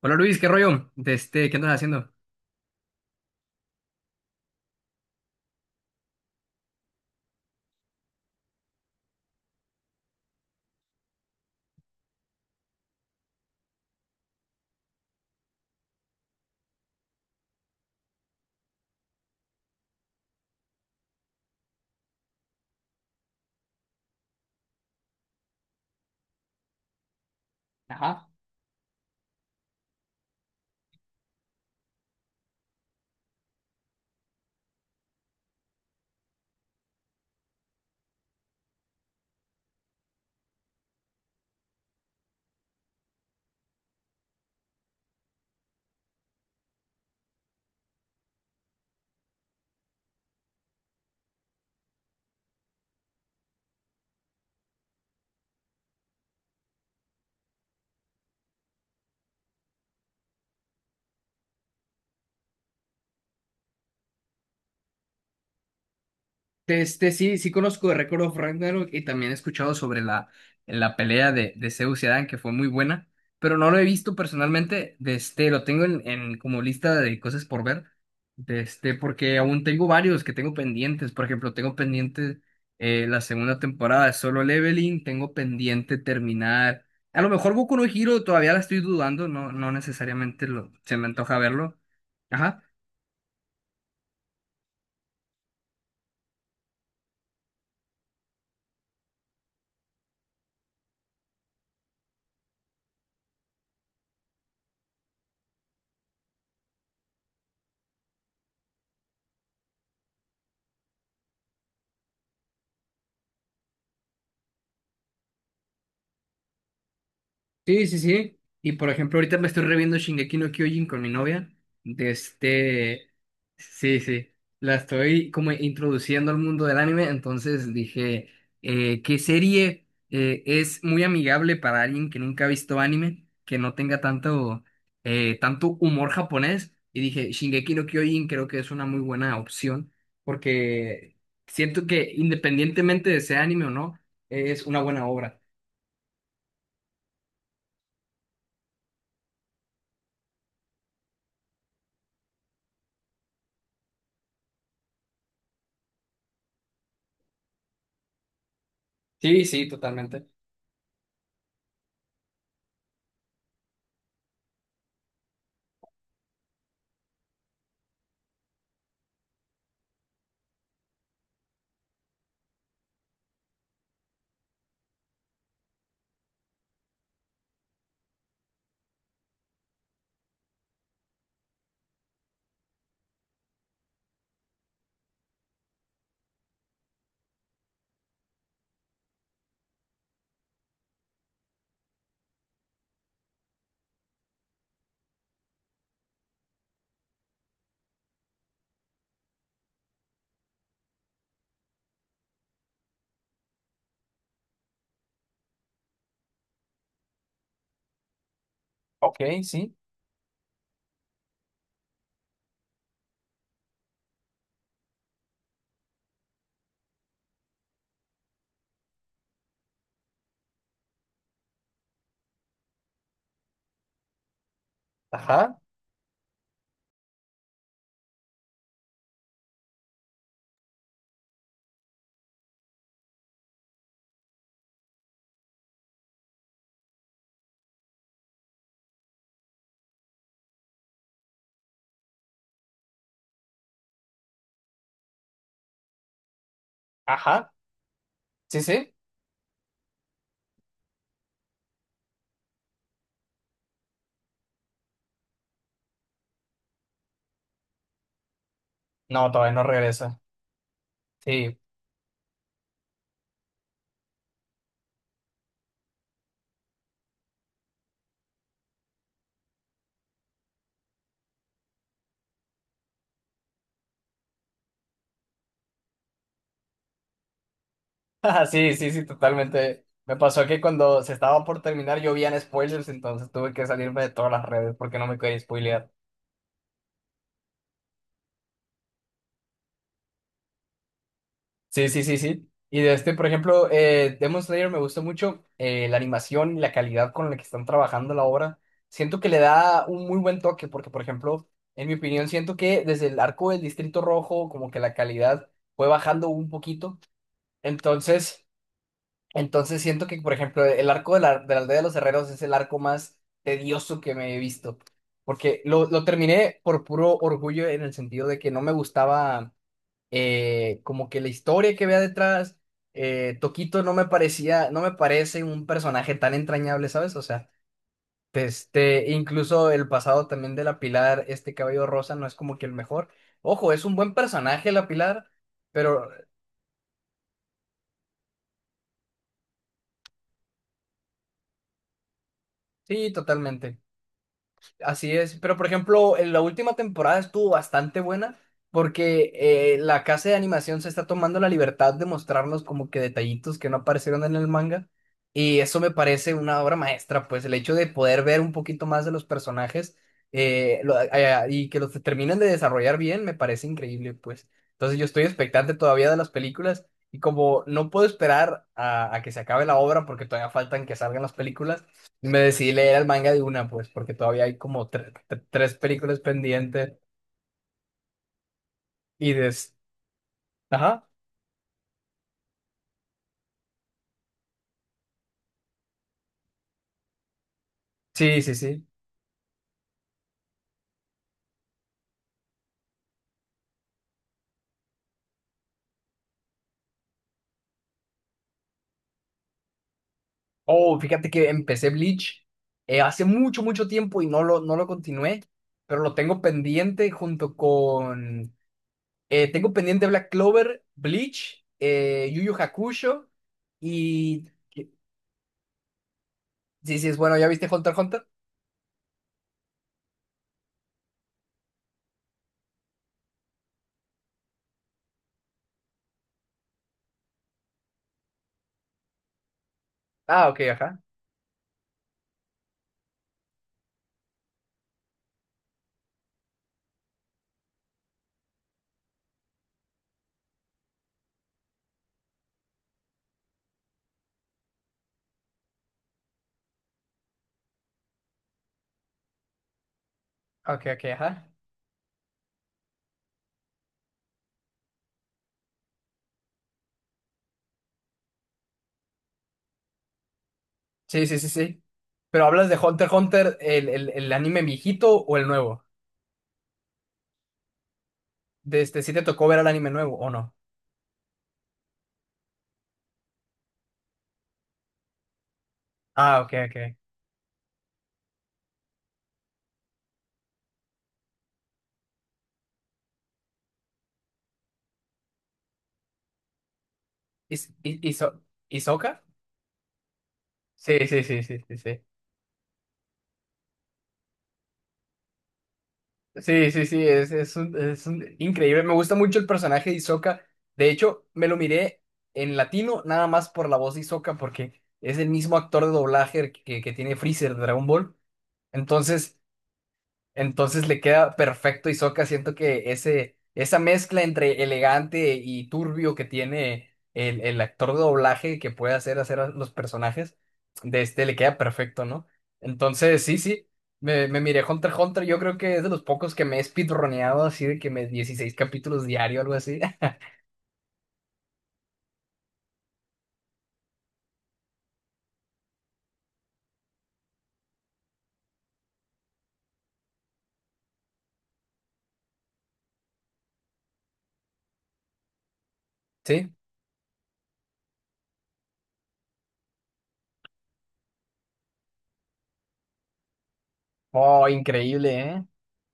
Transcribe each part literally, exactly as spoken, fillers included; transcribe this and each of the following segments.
Hola Luis, ¿qué rollo? De este, ¿qué andas haciendo? Ajá. De este, sí, sí conozco de Record of Ragnarok y también he escuchado sobre la, la pelea de, de Zeus y Adán, que fue muy buena, pero no lo he visto personalmente. De este, lo tengo en, en como lista de cosas por ver, de este, porque aún tengo varios que tengo pendientes. Por ejemplo, tengo pendiente eh, la segunda temporada de Solo Leveling, tengo pendiente terminar. A lo mejor Boku no Hero todavía la estoy dudando, no, no necesariamente lo, se me antoja verlo. Ajá. Sí, sí, sí. Y por ejemplo, ahorita me estoy reviendo Shingeki no Kyojin con mi novia. De este. Sí, sí. La estoy como introduciendo al mundo del anime. Entonces dije, eh, ¿qué serie eh, es muy amigable para alguien que nunca ha visto anime? Que no tenga tanto, eh, tanto humor japonés. Y dije, Shingeki no Kyojin creo que es una muy buena opción. Porque siento que independientemente de sea anime o no, es una buena obra. Sí, sí, totalmente. Ok, sí. Ajá, ajá. Sí, sí. No, todavía no regresa. Sí. Ajá, sí, sí, sí, totalmente. Me pasó que cuando se estaba por terminar llovían spoilers, entonces tuve que salirme de todas las redes porque no me quería spoilear. Sí, sí, sí, sí. Y de este, por ejemplo, eh, Demon Slayer me gusta mucho eh, la animación y la calidad con la que están trabajando la obra. Siento que le da un muy buen toque porque, por ejemplo, en mi opinión, siento que desde el arco del Distrito Rojo, como que la calidad fue bajando un poquito. Entonces... Entonces siento que, por ejemplo, el arco de la, de la aldea de los herreros es el arco más tedioso que me he visto. Porque lo, lo terminé por puro orgullo en el sentido de que no me gustaba eh, como que la historia que vea detrás. Eh, Toquito no me parecía, no me parece un personaje tan entrañable, ¿sabes? O sea, este, incluso el pasado también de la Pilar, este cabello rosa, no es como que el mejor. Ojo, es un buen personaje la Pilar, pero sí, totalmente. Así es, pero por ejemplo, en la última temporada estuvo bastante buena porque eh, la casa de animación se está tomando la libertad de mostrarnos como que detallitos que no aparecieron en el manga y eso me parece una obra maestra, pues el hecho de poder ver un poquito más de los personajes eh, lo- eh, y que los terminen de desarrollar bien me parece increíble, pues. Entonces yo estoy expectante todavía de las películas y como no puedo esperar a, a que se acabe la obra porque todavía faltan que salgan las películas. Me decidí leer el manga de una, pues, porque todavía hay como tre- tre- tres películas pendientes y des... Ajá. Sí, sí, sí. Oh, fíjate que empecé Bleach eh, hace mucho, mucho tiempo y no lo, no lo continué, pero lo tengo pendiente junto con... Eh, tengo pendiente Black Clover, Bleach, eh, Yu Yu Hakusho y... Sí, sí, es bueno, ¿ya viste Hunter x Hunter? Ah, ok, ajá. Ok, ok, ajá. Sí, sí, sí, sí. Pero hablas de Hunter x Hunter, el, el, el anime viejito o el nuevo. De este, ¿sí te tocó ver el anime nuevo o no? Ah, ok, ok. ¿Is, is Iso- Isoka? Sí, sí, sí, sí, sí, sí. Sí, sí, sí, es, es un, es un- increíble. Me gusta mucho el personaje de Isoka. De hecho, me lo miré en latino nada más por la voz de Isoka porque es el mismo actor de doblaje que, que tiene Freezer de Dragon Ball. Entonces, entonces le queda perfecto y Hisoka. Siento que ese, esa mezcla entre elegante y turbio que tiene el, el actor de doblaje que puede hacer, hacer a los personajes, de este le queda perfecto, ¿no? Entonces, sí, sí. Me, me miré Hunter x Hunter. Yo creo que es de los pocos que me he speedroneado así de que me dieciséis capítulos diario, algo así. Sí. Oh, increíble, ¿eh?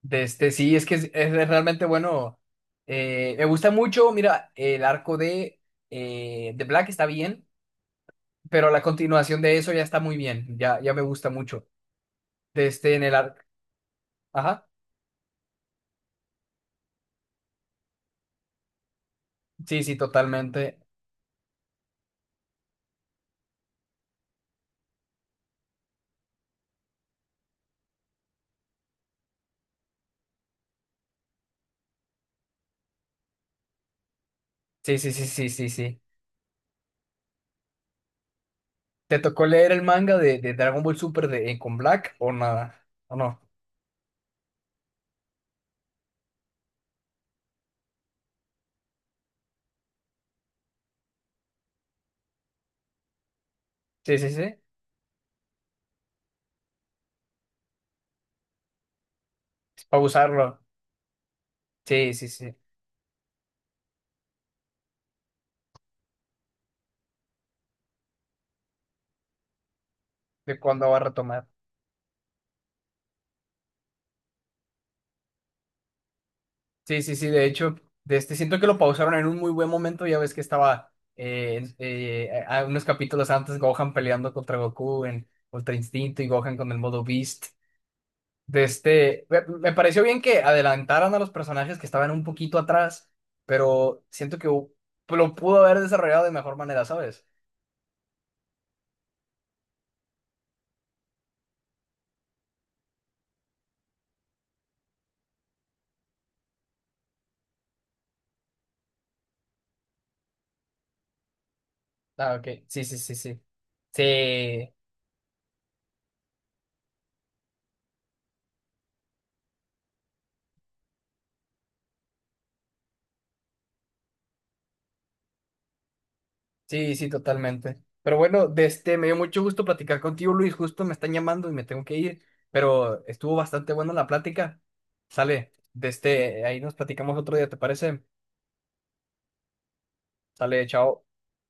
De este, sí, es que es, es realmente bueno. Eh, me gusta mucho, mira, el arco de, eh, de Black está bien, pero la continuación de eso ya está muy bien, ya, ya me gusta mucho. Desde en el arc, ajá, sí, sí, totalmente. Sí, sí, sí, sí, sí, sí. ¿Te tocó leer el manga de, de Dragon Ball Super de Con Black o nada? ¿O no? Sí, sí, sí. Para usarlo. Sí, sí, sí. ¿De cuándo va a retomar? Sí, sí, sí. De hecho, de este siento que lo pausaron en un muy buen momento. Ya ves que estaba eh, eh, a unos capítulos antes Gohan peleando contra Goku en Ultra Instinto y Gohan con el modo Beast. De este, me, me pareció bien que adelantaran a los personajes que estaban un poquito atrás, pero siento que hu- lo pudo haber desarrollado de mejor manera, ¿sabes? Ah, ok. Sí, sí, sí, sí. Sí, sí, sí, totalmente. Pero bueno, de este, me dio mucho gusto platicar contigo, Luis. Justo me están llamando y me tengo que ir, pero estuvo bastante buena la plática. Sale, de este, ahí nos platicamos otro día, ¿te parece? Sale, chao.